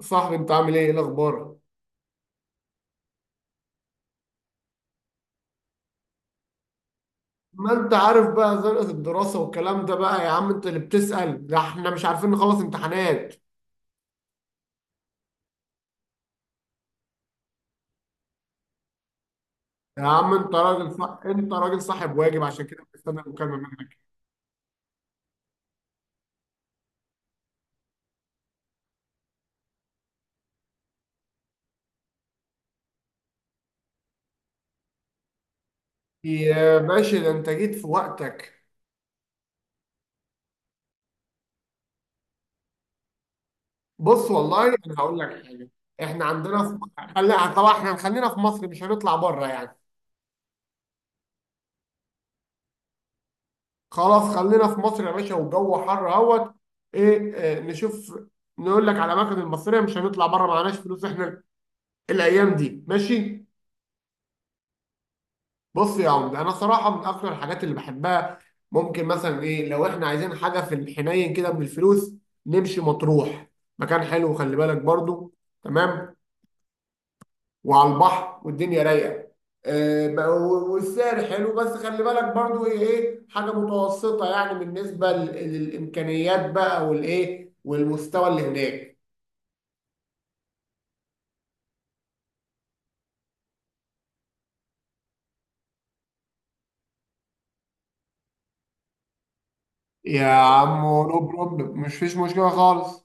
صاحبي، انت عامل ايه الاخبار؟ ما انت عارف بقى زنقة الدراسة والكلام ده، بقى يا عم انت اللي بتسأل؟ ده احنا مش عارفين نخلص امتحانات. يا عم انت راجل صح... انت راجل صاحب واجب، عشان كده بستنى المكالمة منك. يا باشا، ده انت جيت في وقتك. بص والله انا هقول لك حاجة. احنا عندنا في... طبعا احنا خلينا في مصر، مش هنطلع بره يعني. خلاص، خلينا في مصر يا باشا، والجو حر اهوت. ايه، نشوف. نقول لك على الاماكن المصرية، مش هنطلع بره، معناش فلوس احنا الايام دي، ماشي. بص يا عمد، انا صراحه من اكتر الحاجات اللي بحبها، ممكن مثلا ايه، لو احنا عايزين حاجه في الحنين كده بالفلوس، نمشي مطروح. مكان حلو، خلي بالك برضو، تمام. وعلى البحر والدنيا رايقه. والسعر حلو، بس خلي بالك برضو ايه، حاجه متوسطه يعني، بالنسبه للامكانيات بقى، والايه والمستوى اللي هناك. يا عم، نو بروبلم، مش فيش مشكله خالص.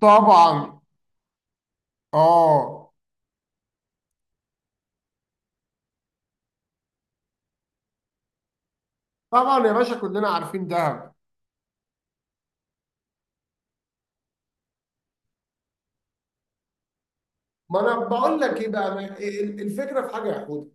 طبعا اه طبعا يا باشا، كلنا عارفين دهب. ما انا بقول لك ايه بقى، الفكره في حاجه يا حوده.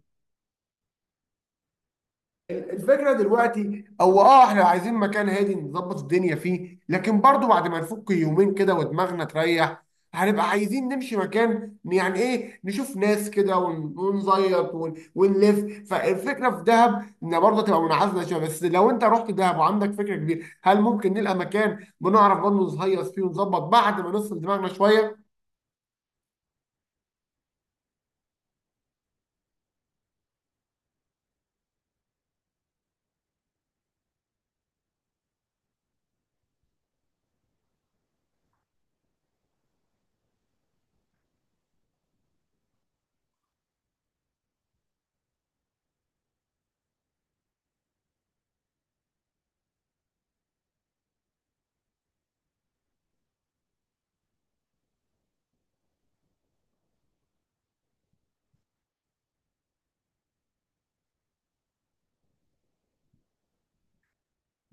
الفكره دلوقتي، او اه احنا عايزين مكان هادي نظبط الدنيا فيه، لكن برضو بعد ما نفك يومين كده ودماغنا تريح، هنبقى عايزين نمشي مكان، يعني ايه، نشوف ناس كده ونزيط ونلف. فالفكره في دهب، ان برضه تبقى منعزله شويه، بس لو انت رحت دهب وعندك فكره كبيره، هل ممكن نلقى مكان بنعرف برضه نهيص فيه ونظبط بعد ما نفصل دماغنا شويه؟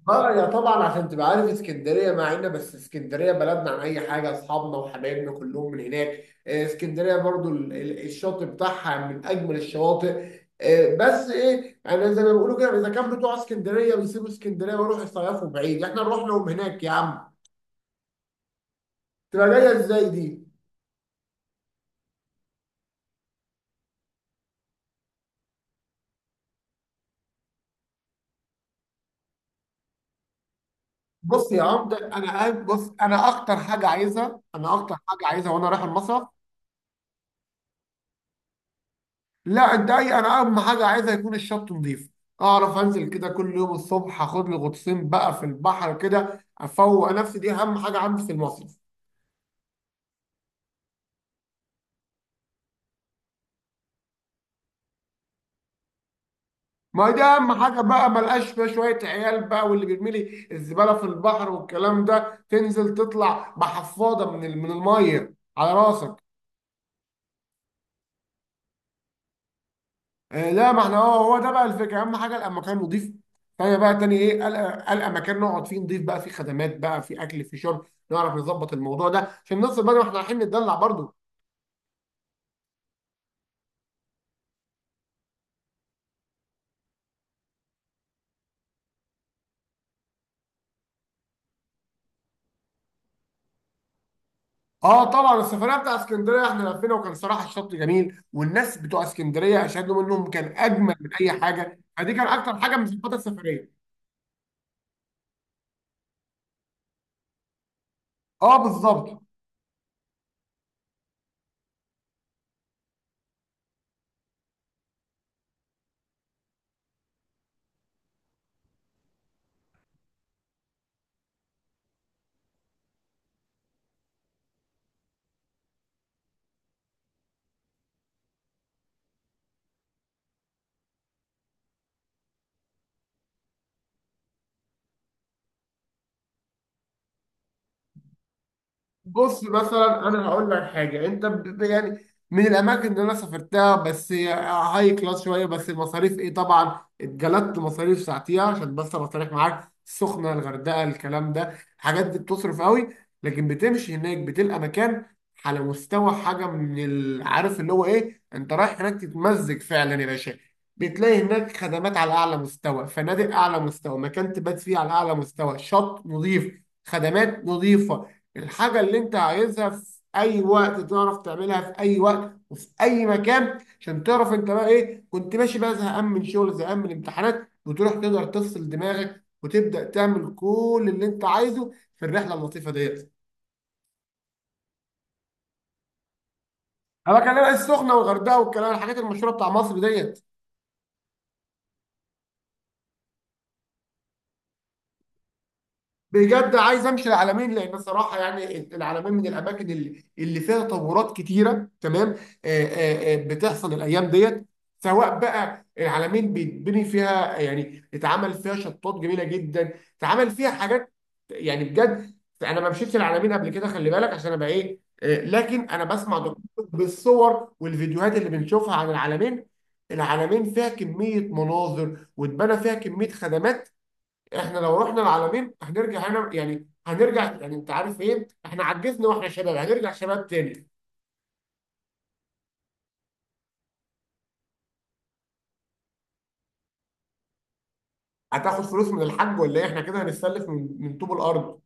اه، يا طبعا، عشان تبقى عارف، اسكندريه معانا، بس اسكندريه بلدنا عن اي حاجه، اصحابنا وحبايبنا كلهم من هناك. اسكندريه برضو، الشاطئ بتاعها من اجمل الشواطئ. بس ايه، يعني زي ما بيقولوا كده، اذا كان بتوع اسكندريه بيسيبوا اسكندريه ويروحوا يصيفوا بعيد، احنا نروح لهم هناك يا عم؟ تبقى جايه ازاي دي؟ بص يا عم، ده انا قاعد. انا اكتر حاجه عايزها وانا رايح المصيف. لا، انت اي انا اهم حاجه عايزها يكون الشط نظيف. اعرف انزل كده كل يوم الصبح، اخد لي غطسين بقى في البحر كده افوق نفسي. دي اهم حاجه عندي في المصيف. ما دي اهم حاجه بقى، ملقاش فيها شويه عيال بقى واللي بيرمي لي الزباله في البحر والكلام ده، تنزل تطلع بحفاضه من الميه على راسك. آه لا، ما احنا هو ده بقى الفكره، اهم حاجه المكان نظيف. تاني بقى، تاني ايه، القى مكان نقعد فيه نضيف بقى، فيه خدمات بقى، فيه اكل فيه شرب، نعرف نظبط الموضوع ده عشان نوصل بقى، ما احنا رايحين نتدلع برضه. اه، طبعا. السفريه بتاع اسكندريه، احنا لفينا، وكان صراحه الشط جميل، والناس بتوع اسكندريه اشهد لهم انهم كان اجمل من اي حاجه، فدي كان اكتر حاجه من صفات السفريه. اه، بالظبط. بص مثلا، انا هقول لك حاجه، انت يعني، من الاماكن اللي انا سافرتها، بس هي هاي كلاس شويه، بس المصاريف ايه، طبعا اتجلدت مصاريف ساعتيها عشان بس ابقى صريح معاك، السخنه، الغردقه، الكلام ده، الحاجات دي بتصرف قوي. لكن بتمشي هناك بتلقى مكان على مستوى حاجه، عارف اللي هو ايه، انت رايح هناك تتمزج فعلا يا باشا. بتلاقي هناك خدمات على اعلى مستوى، فنادق اعلى مستوى، مكان تبات فيه على اعلى مستوى، شط نظيف، خدمات نظيفه. الحاجة اللي انت عايزها في اي وقت تعرف تعملها، في اي وقت وفي اي مكان، عشان تعرف انت بقى ايه، كنت ماشي بقى زهقان من شغل، زهقان من الامتحانات، وتروح تقدر تفصل دماغك وتبدأ تعمل كل اللي انت عايزه في الرحلة اللطيفة ديت. انا بكلمك السخنة والغردقة والكلام، الحاجات المشهورة بتاع مصر ديت. بجد عايز امشي العالمين، لان صراحه يعني، العالمين من الاماكن اللي فيها تطورات كتيره، تمام. بتحصل الايام ديت. سواء بقى العالمين بيتبني فيها، يعني اتعمل فيها شطات جميله جدا، اتعمل فيها حاجات، يعني بجد، انا ما مشيتش العالمين قبل كده، خلي بالك عشان ابقى ايه، لكن انا بسمع دكتور، بالصور والفيديوهات اللي بنشوفها عن العالمين. العالمين فيها كميه مناظر واتبنى فيها كميه خدمات. احنا لو رحنا العالمين هنرجع هنا، يعني هنرجع، يعني انت عارف ايه، احنا عجزنا واحنا شباب، هنرجع شباب تاني. هتاخد فلوس من الحاج ولا ايه؟ احنا كده هنتسلف من طوب الارض.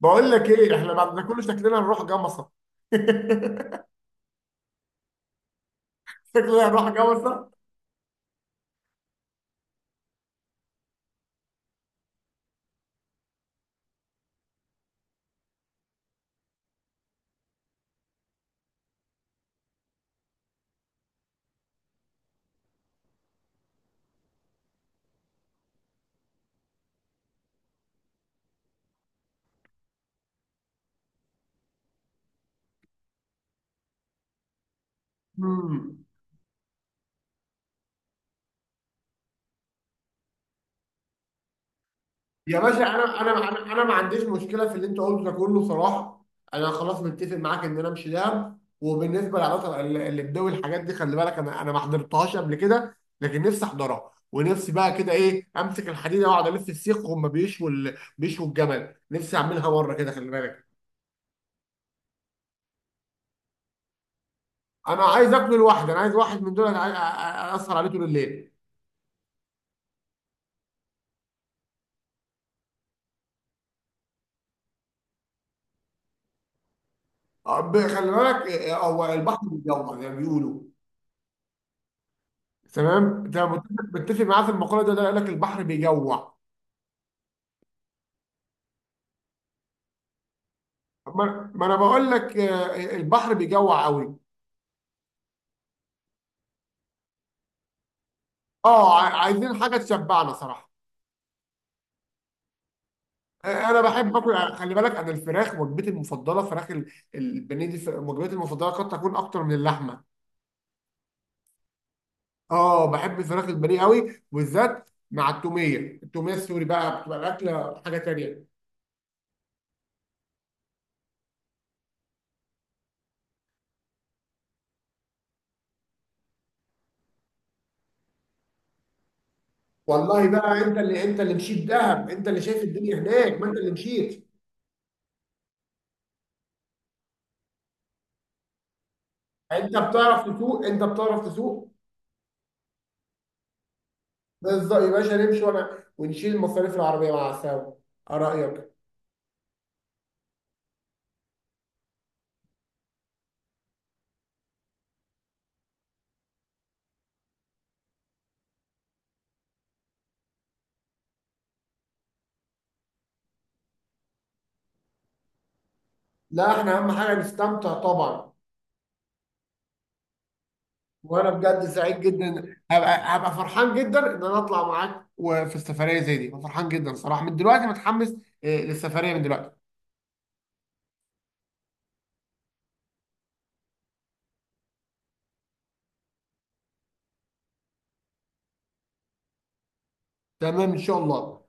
بقول لك ايه، احنا بعد ده كله شكلنا هنروح جمصه. شكلنا هنروح جمصه. مم. يا باشا، انا انا انا أنا ما عنديش مشكله في اللي انت قلته ده كله صراحه. انا خلاص متفق معاك ان انا امشي دهب. وبالنسبه للعلاقه اللي بدوي، الحاجات دي خلي بالك، انا ما حضرتهاش قبل كده، لكن نفسي احضرها ونفسي بقى كده ايه، امسك الحديده واقعد الف السيخ وهم بيشوا الجمل، نفسي اعملها مره كده خلي بالك. انا عايز اكل لوحدي، انا عايز واحد من دول، أنا عايز- أ- أ- اسهر عليه طول الليل. خلي بالك، هو البحر بيجوع زي ما بيقولوا. تمام، انت متفق معايا في المقوله دي ولا لا؟ يقول لك البحر بيجوع. ما انا بقول لك، البحر بيجوع قوي. اه، عايزين حاجه تشبعنا صراحه. انا بحب اكل. خلي بالك، انا الفراخ، وجبتي المفضله فراخ البانيه دي، وجبتي المفضله قد تكون اكتر من اللحمه. اه، بحب فراخ البانيه قوي، وبالذات مع التوميه. التوميه السوري بقى بتبقى الاكله حاجه تانيه. والله بقى، انت اللي مشيت دهب، انت اللي شايف الدنيا هناك، ما انت اللي مشيت. انت بتعرف تسوق؟ انت بتعرف تسوق. بالظبط يا باشا، نمشي وانا ونشيل مصاريف العربيه مع السوا. ايه رايك؟ لا، احنا اهم حاجه نستمتع طبعا. وانا بجد سعيد جدا، هبقى فرحان جدا ان انا اطلع معاك، وفي السفريه زي دي، أنا فرحان جدا صراحه، من دلوقتي متحمس، للسفريه من دلوقتي. تمام ان شاء الله.